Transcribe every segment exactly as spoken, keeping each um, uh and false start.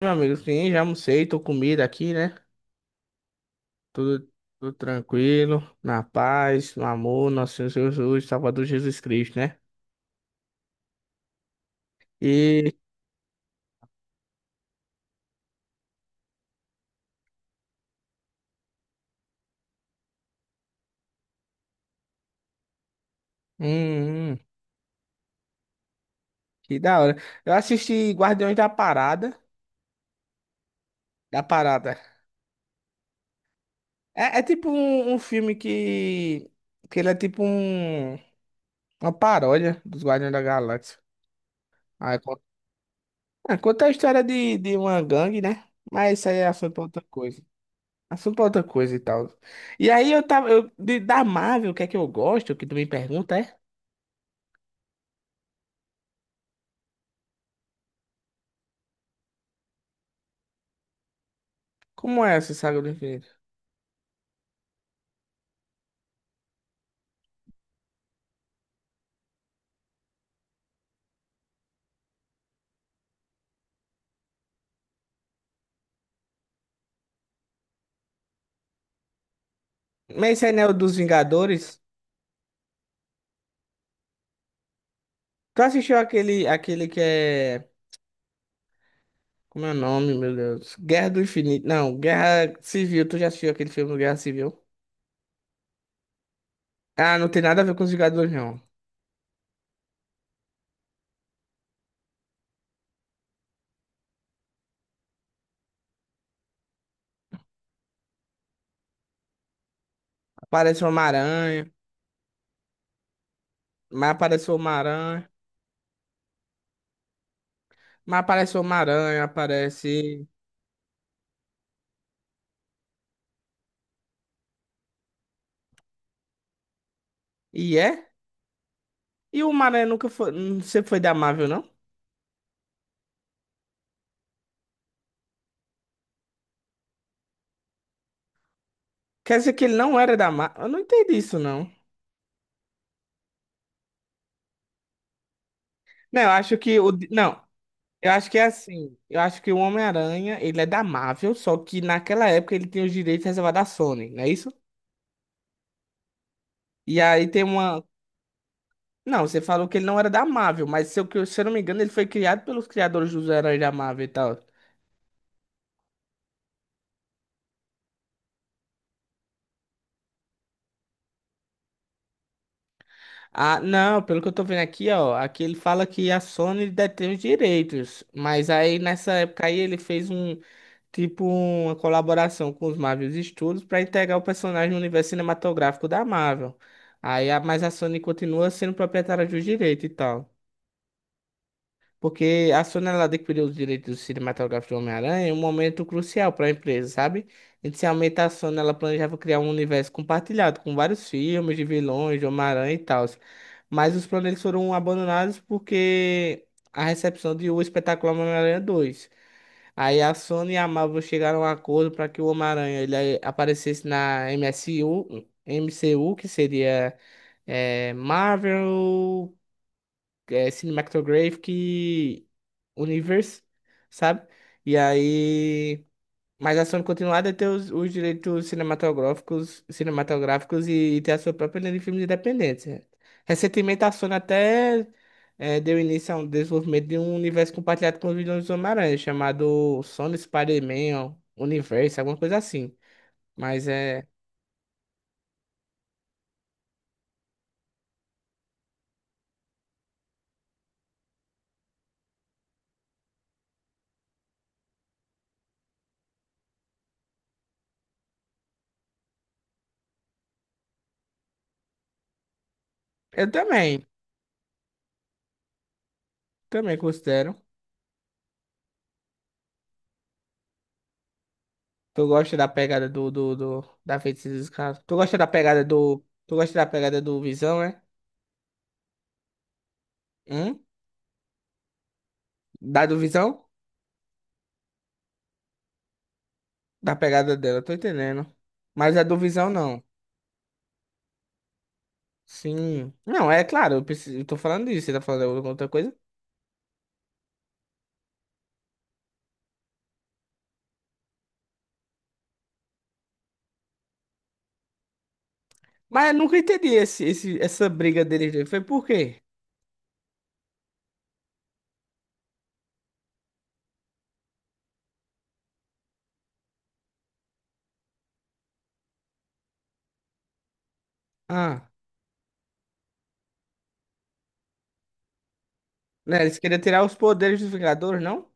Meu amigo, sim, já almocei, tô comida aqui, né? Tudo, tudo tranquilo, na paz, no amor, nosso Senhor Jesus, Salvador Jesus Cristo, né? E, hum, hum, que da hora. Eu assisti Guardiões da Parada, da Parada. É, é tipo um, um filme que, que ele é tipo um, uma paródia dos Guardiões da Galáxia. Aí conta, ah, conta a história de, de uma gangue, né? Mas isso aí é assunto pra outra coisa. Assunto pra outra coisa e tal. E aí eu tava. Eu, de- da Marvel, o que é que eu gosto? O que tu me pergunta é? Como é essa saga do infinito? Mas esse anel dos Vingadores. Tu assistiu aquele, aquele que é. Como é o nome, meu Deus? Guerra do Infinito. Não, Guerra Civil. Tu já assistiu aquele filme do Guerra Civil? Ah, não tem nada a ver com os Vingadores, não. Aparece o Homem-Aranha. Mas aparece o Homem-Aranha. Mas aparece o Homem-Aranha, aparece. E é? E o Homem-Aranha nunca foi. Não sempre foi da Marvel, não? Quer dizer que ele não era da Marvel? Eu não entendi isso, não. Não, eu acho que o. Não, eu acho que é assim. Eu acho que o Homem-Aranha, ele é da Marvel, só que naquela época ele tem os direitos reservados à Sony, não é isso? E aí tem uma. Não, você falou que ele não era da Marvel, mas se eu, que- se eu não me engano, ele foi criado pelos criadores dos heróis da Marvel e tal. Ah, não, pelo que eu tô vendo aqui, ó. Aqui ele fala que a Sony detém os direitos, mas aí nessa época aí ele fez um. Tipo uma colaboração com os Marvel Studios para integrar o personagem no universo cinematográfico da Marvel. Aí, a- mas a Sony continua sendo proprietária dos direitos e tal. Porque a Sony ela adquiriu os direitos cinematográficos do Homem-Aranha em um momento crucial para a empresa, sabe? Inicialmente a Sony ela planejava criar um universo compartilhado com vários filmes de vilões, de Homem-Aranha e tal. Mas os planos foram abandonados porque a recepção de O Espetáculo Homem-Aranha dois. Aí a Sony e a Marvel chegaram a um acordo para que o Homem-Aranha ele aparecesse na M S U, M C U, que seria é, Marvel, é, Cinematographic Universe, sabe? E aí mas a Sony continuar a ter os, os direitos cinematográficos, cinematográficos e, e ter a sua própria linha de filmes independentes, né? Recentemente, a Sony até eh, deu início a um desenvolvimento de um universo compartilhado com os vilões do Homem-Aranha, chamado Sony Spider-Man, ó, Universe, alguma coisa assim. Mas é. Eu também, também considero. Tu gosta da pegada do, do, do da Feiticeira Escarlate? Tu gosta da pegada do. Tu gosta da pegada do Visão, é? Hum? Da do Visão? Da pegada dela, tô entendendo. Mas a do Visão, não. Sim. Não, é claro, eu, preciso, eu tô falando disso, você tá falando alguma outra coisa. Mas eu nunca entendi esse, esse, essa briga deles dois. Foi por quê? Ah, né? Eles queriam tirar os poderes dos Vingadores, não?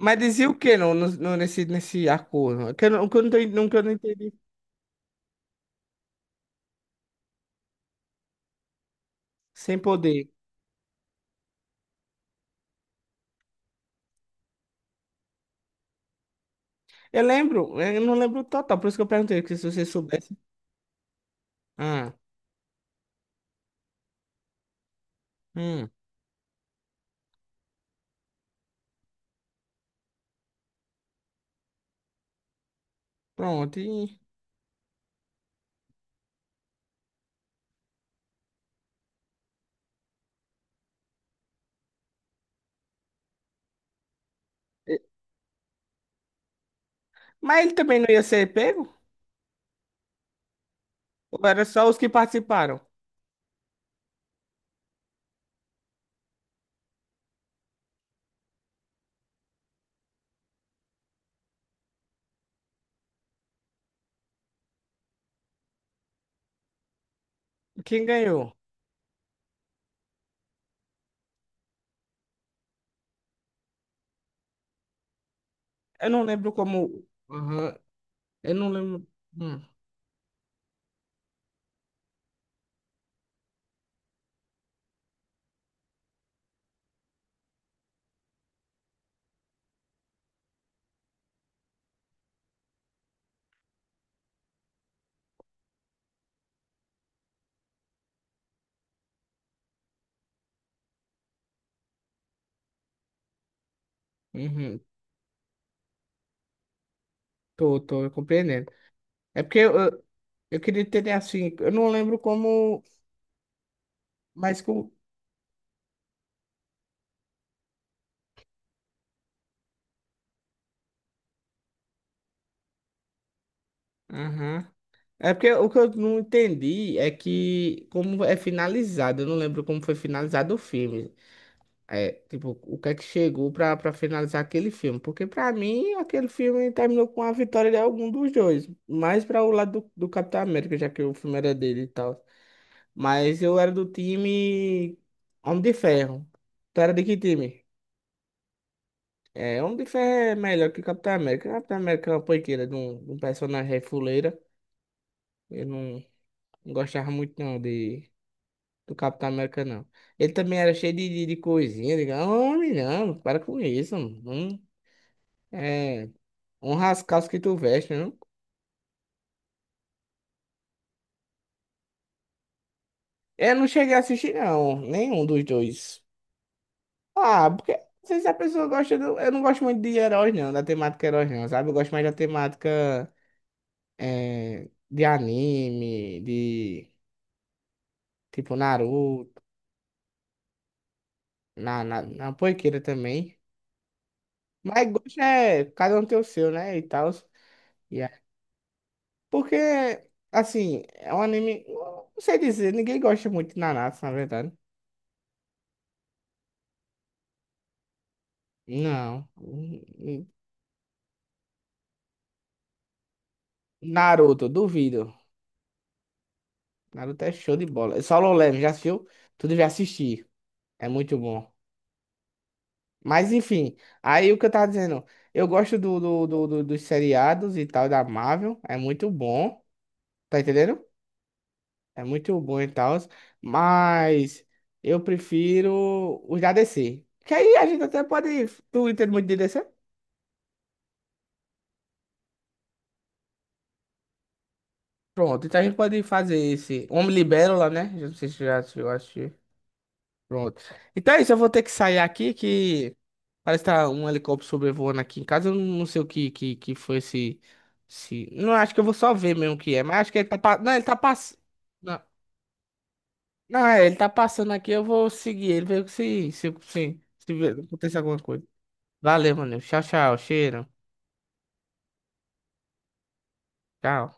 Mas dizia o quê no, no, no- nesse, nesse acordo? Que eu, não- que eu não, tô- nunca eu não entendi. Sem poder. Eu lembro, eu não lembro total, por isso que eu perguntei, porque se você soubesse. Ah, hum, pronto. e- e- Mas ele também não ia ser pego? Ou era só os que participaram? Quem ganhou? Eu não lembro como. Aham, eu não lembro. Hum, uhum, tô, tô compreendendo. É porque eu, eu eu queria ter assim. Eu não lembro como. Mas com. Aham. É porque o que eu não entendi é que como é finalizado. Eu não lembro como foi finalizado o filme. É, tipo, o que é que chegou pra, pra finalizar aquele filme. Porque pra mim, aquele filme terminou com a vitória de algum dos dois. Mais pra o lado do, do Capitão América, já que o filme era dele e tal. Mas eu era do time Homem de Ferro. Tu era de que time? É, Homem de Ferro é melhor que Capitão América. Capitão América é uma poiqueira de um, de um personagem aí fuleira. Eu não não gostava muito não de, do Capitão América, não. Ele também era cheio de, de, de coisinha. Diga, homem, não, para com isso. Mano. Hum, É, um rascalho que tu veste, não? Eu não cheguei a assistir, não. Nenhum dos dois. Ah, porque não sei se a pessoa gosta do. Eu não gosto muito de heróis, não, da temática heróis, não, sabe? Eu gosto mais da temática eh, de anime, de tipo Naruto, na, na, na Poiqueira também. Mas gosto é. Cada um tem o seu, né? E tal. E é- Porque, assim, é um anime. Não sei dizer, ninguém gosta muito de Naruto, na verdade. Não. Naruto, duvido. Naruto é show de bola. Solo Leveling, já assistiu? Tu devia assistir. É muito bom. Mas enfim, aí o que eu tava dizendo, eu gosto do, do, do- do- dos seriados e tal da Marvel, é muito bom, tá entendendo? É muito bom e tal, mas eu prefiro os da D C. Que aí a gente até pode. Tu entende muito de D C? Pronto, então a gente pode fazer esse Homem Libélula, né? Eu não sei se você já assistiu. Pronto. Então é isso, eu vou ter que sair aqui que parece que tá um helicóptero sobrevoando aqui em casa. Eu não sei o que que, que foi esse, esse. Não, acho que eu vou só ver mesmo o que é, mas acho que ele tá pa- não, ele tá passando. Não, não, é, ele tá passando aqui, eu vou seguir ele, ver se, se, se, se, ver- acontecer alguma coisa. Valeu, mano. Tchau, tchau. Cheiro. Tchau.